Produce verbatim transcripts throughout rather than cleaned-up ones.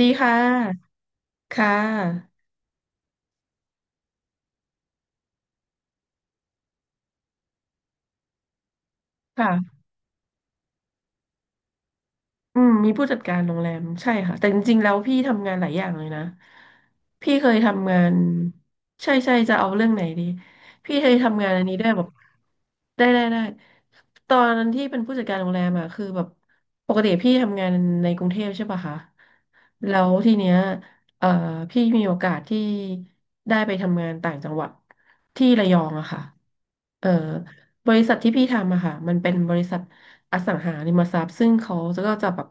ดีค่ะ ค่ะ ค่ะ อืมมีผู้จัดการโรงแรมใช่ค่ะแต่จริงๆแล้วพี่ทำงานหลายอย่างเลยนะพี่เคยทำงานใช่ใช่จะเอาเรื่องไหนดีพี่เคยทำงานอันนี้ด้วยแบบได้ได้ได้ตอนนั้นที่เป็นผู้จัดการโรงแรมอ่ะคือแบบปกติพี่ทำงานในกรุงเทพใช่ป่ะคะแล้วทีเนี้ยเอ่อพี่มีโอกาสที่ได้ไปทำงานต่างจังหวัดที่ระยองอะค่ะเอ่อบริษัทที่พี่ทำอะค่ะมันเป็นบริษัท อสังหาริมทรัพย์ซึ่งเขาก็จะแบบ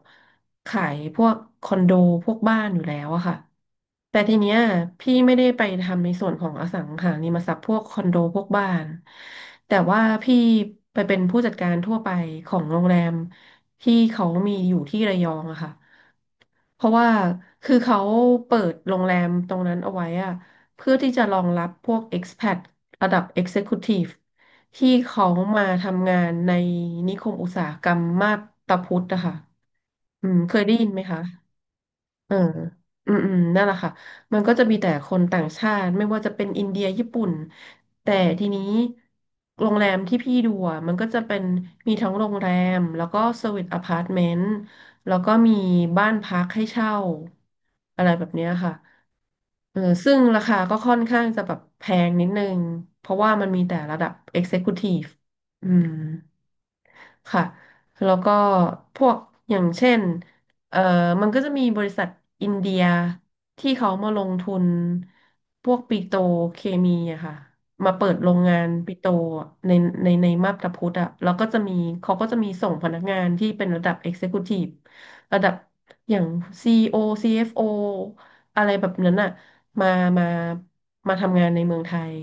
ขายพวกคอนโดพวกบ้านอยู่แล้วอะค่ะแต่ทีเนี้ยพี่ไม่ได้ไปทำในส่วนของอสังหาริมทรัพย์พวกคอนโดพวกบ้านแต่ว่าพี่ไปเป็นผู้จัดการทั่วไปของโรงแรมที่เขามีอยู่ที่ระยองอะค่ะ เพราะว่าคือเขาเปิดโรงแรมตรงนั้นเอาไว้อะเพื่อที่จะรองรับพวก expat ระดับ Executive ที่เขามาทำงานในนิคมอุตสาหกรรมมาบตาพุธนะคะอืมเคยได้ยินไหมคะ เอออืมอืมนั่นแหละค่ะ มันก็จะมีแต่คนต่างชาติไม่ว่าจะเป็นอินเดียญี่ปุ่นแต่ทีนี้โรงแรมที่พี่ดูอะมันก็จะเป็นมีทั้งโรงแรมแล้วก็สวีทอพาร์ตเมนต์แล้วก็มีบ้านพักให้เช่าอะไรแบบเนี้ยค่ะเออซึ่งราคาก็ค่อนข้างจะแบบแพงนิดนึงเพราะว่ามันมีแต่ระดับ Executive อืม ค่ะ แล้วก็พวกอย่างเช่นเอ่อมันก็จะมีบริษัทอินเดียที่เขามาลงทุน พวกปิโตรเคมีอะค่ะมาเปิดโรงงานปิโตรอะในในในมาบตาพุธอะแล้วก็จะมีเขาก็จะมีส่งพนักงานที่เป็นระดับ Executive ระดับอย่าง ซี อี โอ ซี เอฟ โอ อโอซีเอฟโออะไรแบบนั้นอะมามามาทำงานในเมืองไทย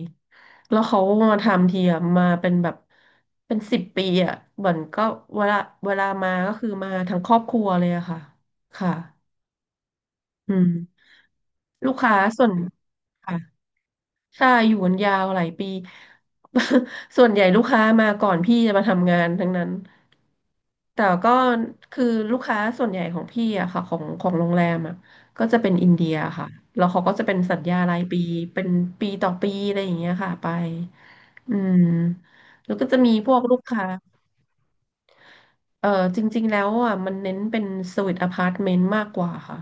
แล้วเขามาทำทีอะมาเป็นแบบเป็นสิบปีอะเหมือนก็เวลาเวลามาก็คือมาทั้งครอบครัวเลยอะค่ะค่ะอืมลูกค้าส่วนค่ะ ใช่อยู่กันยาวหลายปี ส่วนใหญ่ลูกค้ามาก่อนพี่จะมาทำงานทั้งนั้นแต่ก็คือลูกค้าส่วนใหญ่ของพี่อะค่ะของของโรงแรมอะก็จะเป็นอินเดียค่ะแล้วเขาก็จะเป็นสัญญารายปีเป็นปีต่อปีอะไรอย่างเงี้ยค่ะไปอืมแล้วก็จะมีพวกลูกค้า เออจริงๆแล้วอ่ะมันเน้นเป็นสวีทอพาร์ตเมนต์มากกว่าค่ะ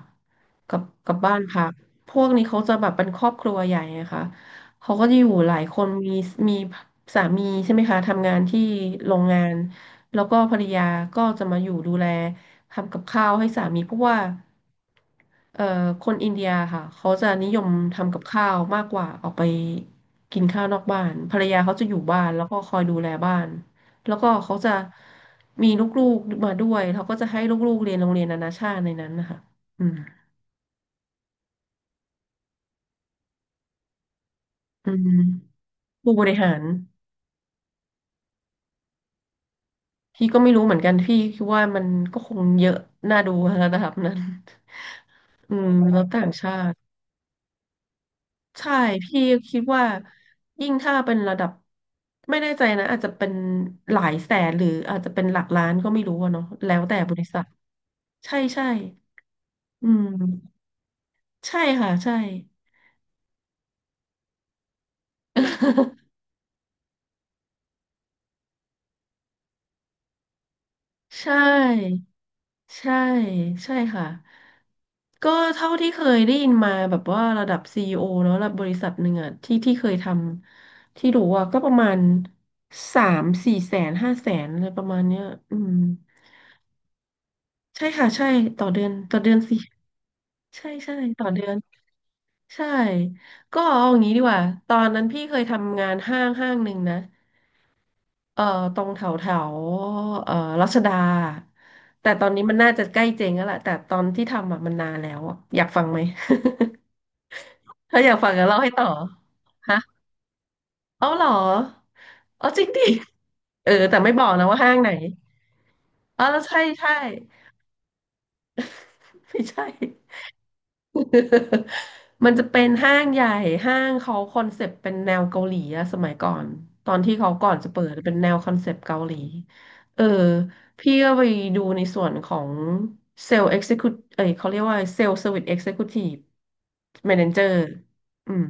กับกับบ้านพักพวกนี้เขาจะแบบเป็นครอบครัวใหญ่ไงคะเขาก็จะอยู่หลายคนมีมีสามีใช่ไหมคะทำงานที่โรงงานแล้วก็ภรรยาก็จะมาอยู่ดูแลทำกับข้าวให้สามีเพราะว่า เอ่อคนอินเดียค่ะเขาจะนิยมทำกับข้าวมากกว่าออกไปกินข้าวนอกบ้านภรรยาเขาจะอยู่บ้านแล้วก็คอยดูแลบ้านแล้วก็เขาจะมีลูกๆมาด้วยเขาก็จะให้ลูกๆเรียนโรงเรียนนานาชาติในนั้นนะคะอืมอืมผู้บริหารพี่ก็ไม่รู้เหมือนกันพี่คิดว่ามันก็คงเยอะน่าดู ระดับนั้นอืมแล้วต่างชาติ ใช่พี่คิดว่ายิ่งถ้าเป็นระดับไม่แน่ใจนะอาจจะเป็นหลายแสนหรืออาจจะเป็นหลักล้านก็ไม่รู้อะเนาะแล้วแต่บริษัทใช่ใช่อืมใช่ค่ะใช่ ใช่ใช่ใช่ค่ะก็เท่าที่เคยได้ยินมาแบบว่าระดับซีอีโอเนะระดับบริษัทหนึ่งอะที่ที่เคยทำที่รู้อะก็ประมาณสามสี่แสนห้าแสนอะไรประมาณเนี้ยอืม ใช่ค่ะใช่ต่อเดือนต่อเดือนสิใช่ใช่ต่อเดือนใช่ก็เอาอย่างนี้ดีกว่าตอนนั้นพี่เคยทำงานห้างห้างหนึ่งนะเอ่อตรงแถวแถวเอ่อรัชดาแต่ตอนนี้มันน่าจะใกล้เจ๊งแล้วแหละแต่ตอนที่ทำอะมันนานแล้วอะอยากฟังไหม ถ้าอยากฟังก็เล่าให้ต่อฮะเอาเหรอเอาจริงดิเออแต่ไม่บอกนะว่าห้างไหนอ๋อแล้วใช่ใช่ไม่ใช่ มันจะเป็นห้างใหญ่ห้างเขาคอนเซปต์เป็นแนวเกาหลีอะสมัยก่อนตอนที่เขาก่อนจะเปิดเป็นแนวคอนเซปต์เกาหลีเออพี่ก็ไปดูในส่วนของเซลล์เอ็กซิคิวเอ้ยเขาเรียกว่าเซลล์เซอร์วิสเอ็กซิคิวทีฟแมเนเจอร์อืม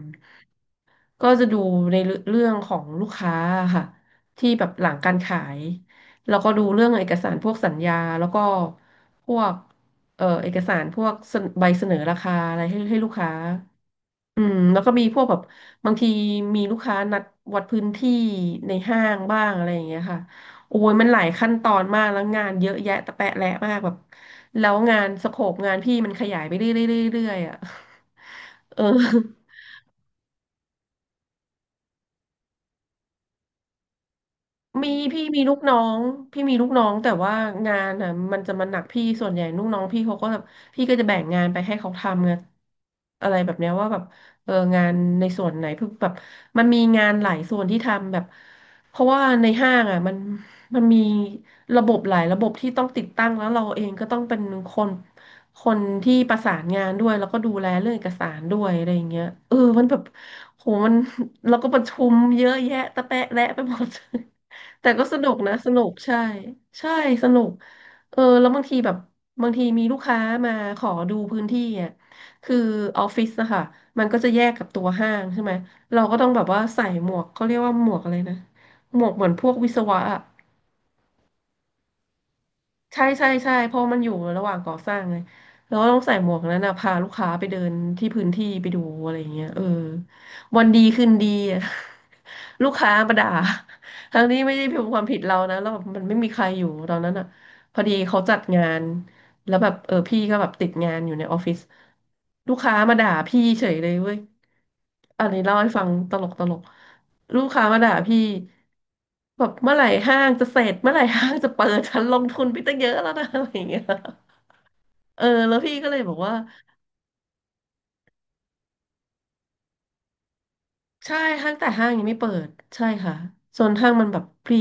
ก็จะดูในเรื่องของลูกค้าค่ะที่แบบหลังการขายแล้วก็ดูเรื่องเอกสารพวกสัญญาแล้วก็พวกเอ่อเอกสารพวกเสนใบเสนอราคาอะไรให้ให้ลูกค้าอืมแล้วก็มีพวกแบบบางทีมีลูกค้านัดวัดพื้นที่ในห้างบ้างอะไรอย่างเงี้ยค่ะโอ้ยมันหลายขั้นตอนมากแล้วงานเยอะแยะตะแปะแหละมากแบบแล้วงานสโคปงานพี่มันขยายไปเรื่อยๆเรื่อยๆอ่ะ เออ มีพี่มีลูกน้องพี่มีลูกน้องแต่ว่างานอ่ะมันจะมาหนักพี่ส่วนใหญ่ลูกน้องพี่เขาก็แบบพี่ก็จะแบ่งงานไปให้เขาทำไงอะไรแบบเนี้ยว่าแบบเอองานในส่วนไหนเพื่อแบบมันมีงานหลายส่วนที่ทำแบบเพราะว่าในห้างอ่ะมันมันมีระบบหลายระบบที่ต้องติดตั้งแล้วเราเองก็ต้องเป็นคนคนที่ประสานงานด้วยแล้วก็ดูแลเรื่องเอกสารด้วยอะไรอย่างเงี้ยเออมันแบบโหมัน เราก็ประชุมเยอะแยะตะแปะแระไปหมด แต่ก็สนุกนะสนุกใช่ใช่สนุกเออแล้วบางทีแบบบางทีมีลูกค้ามาขอดูพื้นที่อ่ะคือออฟฟิศนะคะมันก็จะแยกกับตัวห้างใช่ไหมเราก็ต้องแบบว่าใส่หมวกเขาเรียกว่าหมวกอะไรนะหมวกเหมือนพวกวิศวะอะ ใช่ใช่ใช่เพราะมันอยู่ระหว่างก่อสร้างไงแล้วต้องใส่หมวกนั้นนะพาลูกค้าไปเดินที่พื้นที่ไปดูอะไรอย่างเงี้ยเออวันดีคืนดีอะ ลูกค้ามาด่าทั้งนี้ไม่ได้เป็นความผิดเรานะแล้วแบบมันไม่มีใครอยู่ตอนนั้นอ่ะพอดีเขาจัดงาน แล้วแบบเออพี่ก็แบบติดงานอยู่ในออฟฟิศลูกค้ามาด่าพี่เฉยเลยเว้ยอันนี้เล่าให้ฟังตลกตลกลูกค้ามาด่าพี่แบบเมื่อไหร่ห้างจะเสร็จเมื่อไหร่ห้างจะเปิดฉันลงทุนไปตั้งเยอะแล้วนะ อะไรอย่างเงี้ยเออแล้วพี่ก็เลยบอกว่าใช่ห้างแต่ห้างยังไม่เปิดใช่ค่ะส่วนห้างมันแบบพรี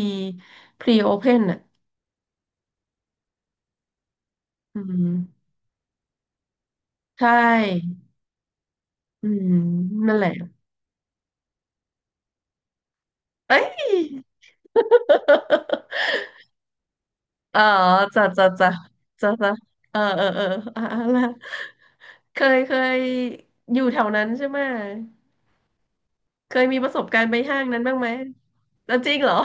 พรีโอเพนอ่ะอืมใช่อืมนั่นแหละเอ้ย อ๋อจ้ะจ้ะจ้ะจ้ะจ้ะเออเออเอออ่ะอ่ะละเคยเคยอยู่แถวนั้นใช่ไหมเคยมีประสบการณ์ไปห้างนั้นบ้างไหมแล้วจริงเหรอ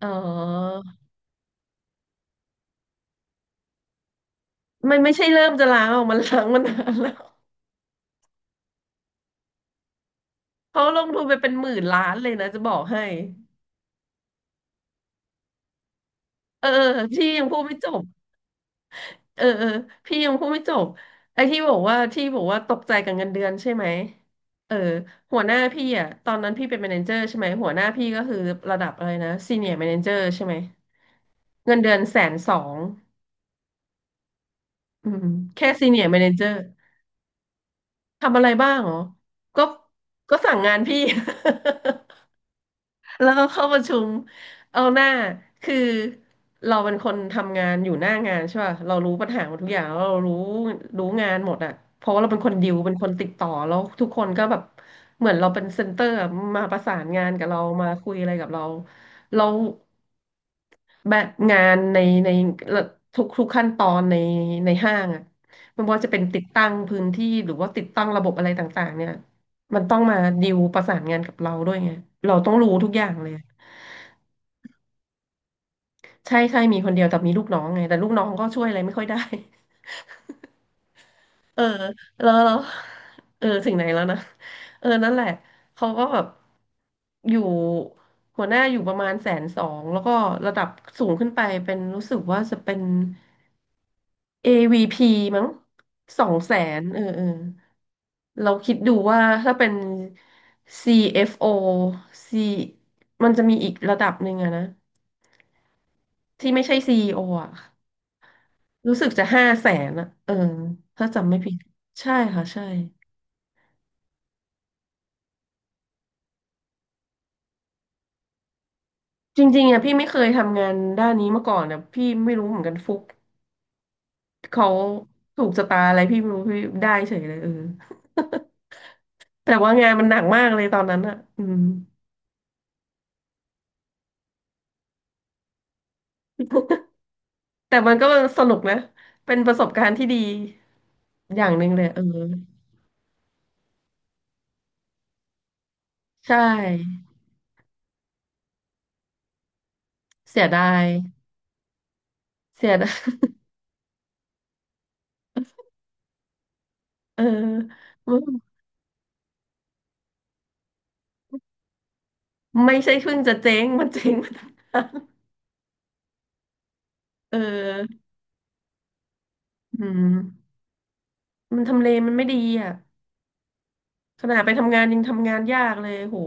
อ๋อมันไม่ใช่เริ่มจะล้างออกมันล้างมานานแล้วเขาลงทุนไปเป็นหมื่นล้านเลยนะ จะบอกให้ เออพี่ยังพูดไม่จบ เออเออพี่ยังพูดไม่จบไอ้ที่บอกว่าที่บอกว่าตกใจกับเงินเดือนใช่ไหมเออหัวหน้าพี่อ่ะตอนนั้นพี่เป็นแมเนเจอร์ใช่ไหมหัวหน้าพี่ก็คือระดับอะไรนะซีเนียร์แมเนเจอร์ใช่ไหมเงินเดือนแสนสองอืมแค่ซีเนียร์แมเนเจอร์ทำอะไรบ้างเหรอก็ก็สั่งงานพี่ แล้วก็เข้าประชุมเอาหน้าคือเราเป็นคนทำงานอยู่หน้างานใช่ป่ะเรารู้ปัญหาหมดทุกอย่างเรารู้รู้งานหมดอ่ะเพราะว่าเราเป็นคนดิวเป็นคนติดต่อแล้วทุกคนก็แบบเหมือนเราเป็นเซ็นเตอร์อะมาประสานงานกับเรามาคุยอะไรกับเราเราแบบงานในในทุกทุกขั้นตอนในในห้างอ่ะไม่ว่าจะเป็นติดตั้งพื้นที่หรือว่าติดตั้งระบบอะไรต่างๆเนี่ยมันต้องมาดิวประสานงานกับเราด้วยไงเราต้องรู้ทุกอย่างเลย ใช่ใช่มีคนเดียวแต่มีลูกน้องไงแต่ลูกน้องก็ช่วยอะไรไม่ค่อยได้ เออแล้วแล้วเออถึงไหนแล้วนะเออนั่นแหละเขาก็แบบอยู่หัวหน้าอยู่ประมาณแสนสองแล้วก็ระดับสูงขึ้นไปเป็นรู้สึกว่าจะเป็น เอ วี พี มั้งสองแสนเออเออเราคิดดูว่าถ้าเป็น ซี เอฟ โอ C มันจะมีอีกระดับหนึ่งอะนะที่ไม่ใช่ ซี อี โอ อโออะ รู้สึกจะห้าแสนอะเออถ้าจำไม่ผิด ใช่ค่ะใช่ จริงๆอะพี่ไม่เคยทำงานด้านนี้มาก่อนอะพี่ไม่รู้เหมือนกันฟุกเขาถูกชะตาอะไรพี่ไม่รู้พี่ได้เฉยเลยเออ แต่ว่างานมันหนักมากเลยตอนนั้นอะอืมแต่มันก็สนุกนะ เป็นประสบการณ์ที่ดีอย่างหนึ่งเลยเออใช่เสียดายเสียดาย เออไม่ใช่เพิ่งจะเจ๊งมันเจ๊งมาตั้งนานเอออืม มันทำเลมันไม่ดีอ่ะขนาดไปทำงานยังทำงานยากเลยโห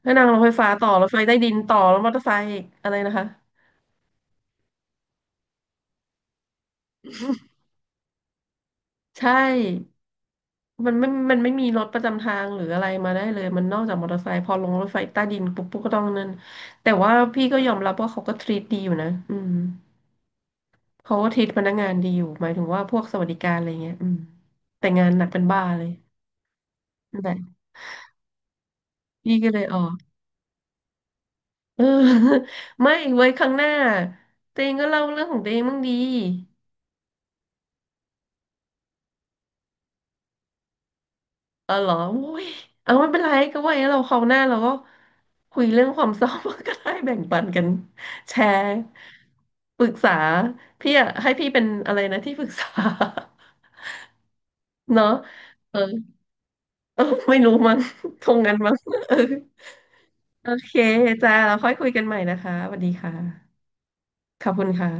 แล้วนั่งรถไฟฟ้าต่อรถไฟใต้ดินต่อแล้วมอเตอร์ไซค์อีกอะไรนะคะใช่มันไม่มันไม่มีรถประจำทางหรืออะไรมาได้เลยมันนอกจากมอเตอร์ไซค์พอลงรถไฟใต้ดินปุ๊บปุ๊บก็ต้องนั่นแต่ว่าพี่ก็ยอมรับว่าเขาก็ทรีตดีอยู่นะอืมเขาก็ทรีตพนักงานดีอยู่หมายถึงว่าพวกสวัสดิการอะไรเงี้ยอืมแต่งานหนักเป็นบ้าเลยนั่นแหละพี่ก็เลยออกเออ ไม่ไว้ครั้งหน้าเตงก็เล่าเรื่องของเตงบ้างดี เออเหรออุ้ยเอาไม่เป็นไรก็ไวาอย่างนั้นเราคราวหน้าเราก็คุยเรื่องความเศร้า ก็ได้แบ่งปันกันแชร์ปรึกษาพี่อะให้พี่เป็นอะไรนะที่ปรึกษา เนาะเออเออไม่รู้มั้งคงงั้นมั้งเออโอเคจ้าเราค่อยคุยกันใหม่นะคะสวัสดีค่ะขอบคุณค่ะ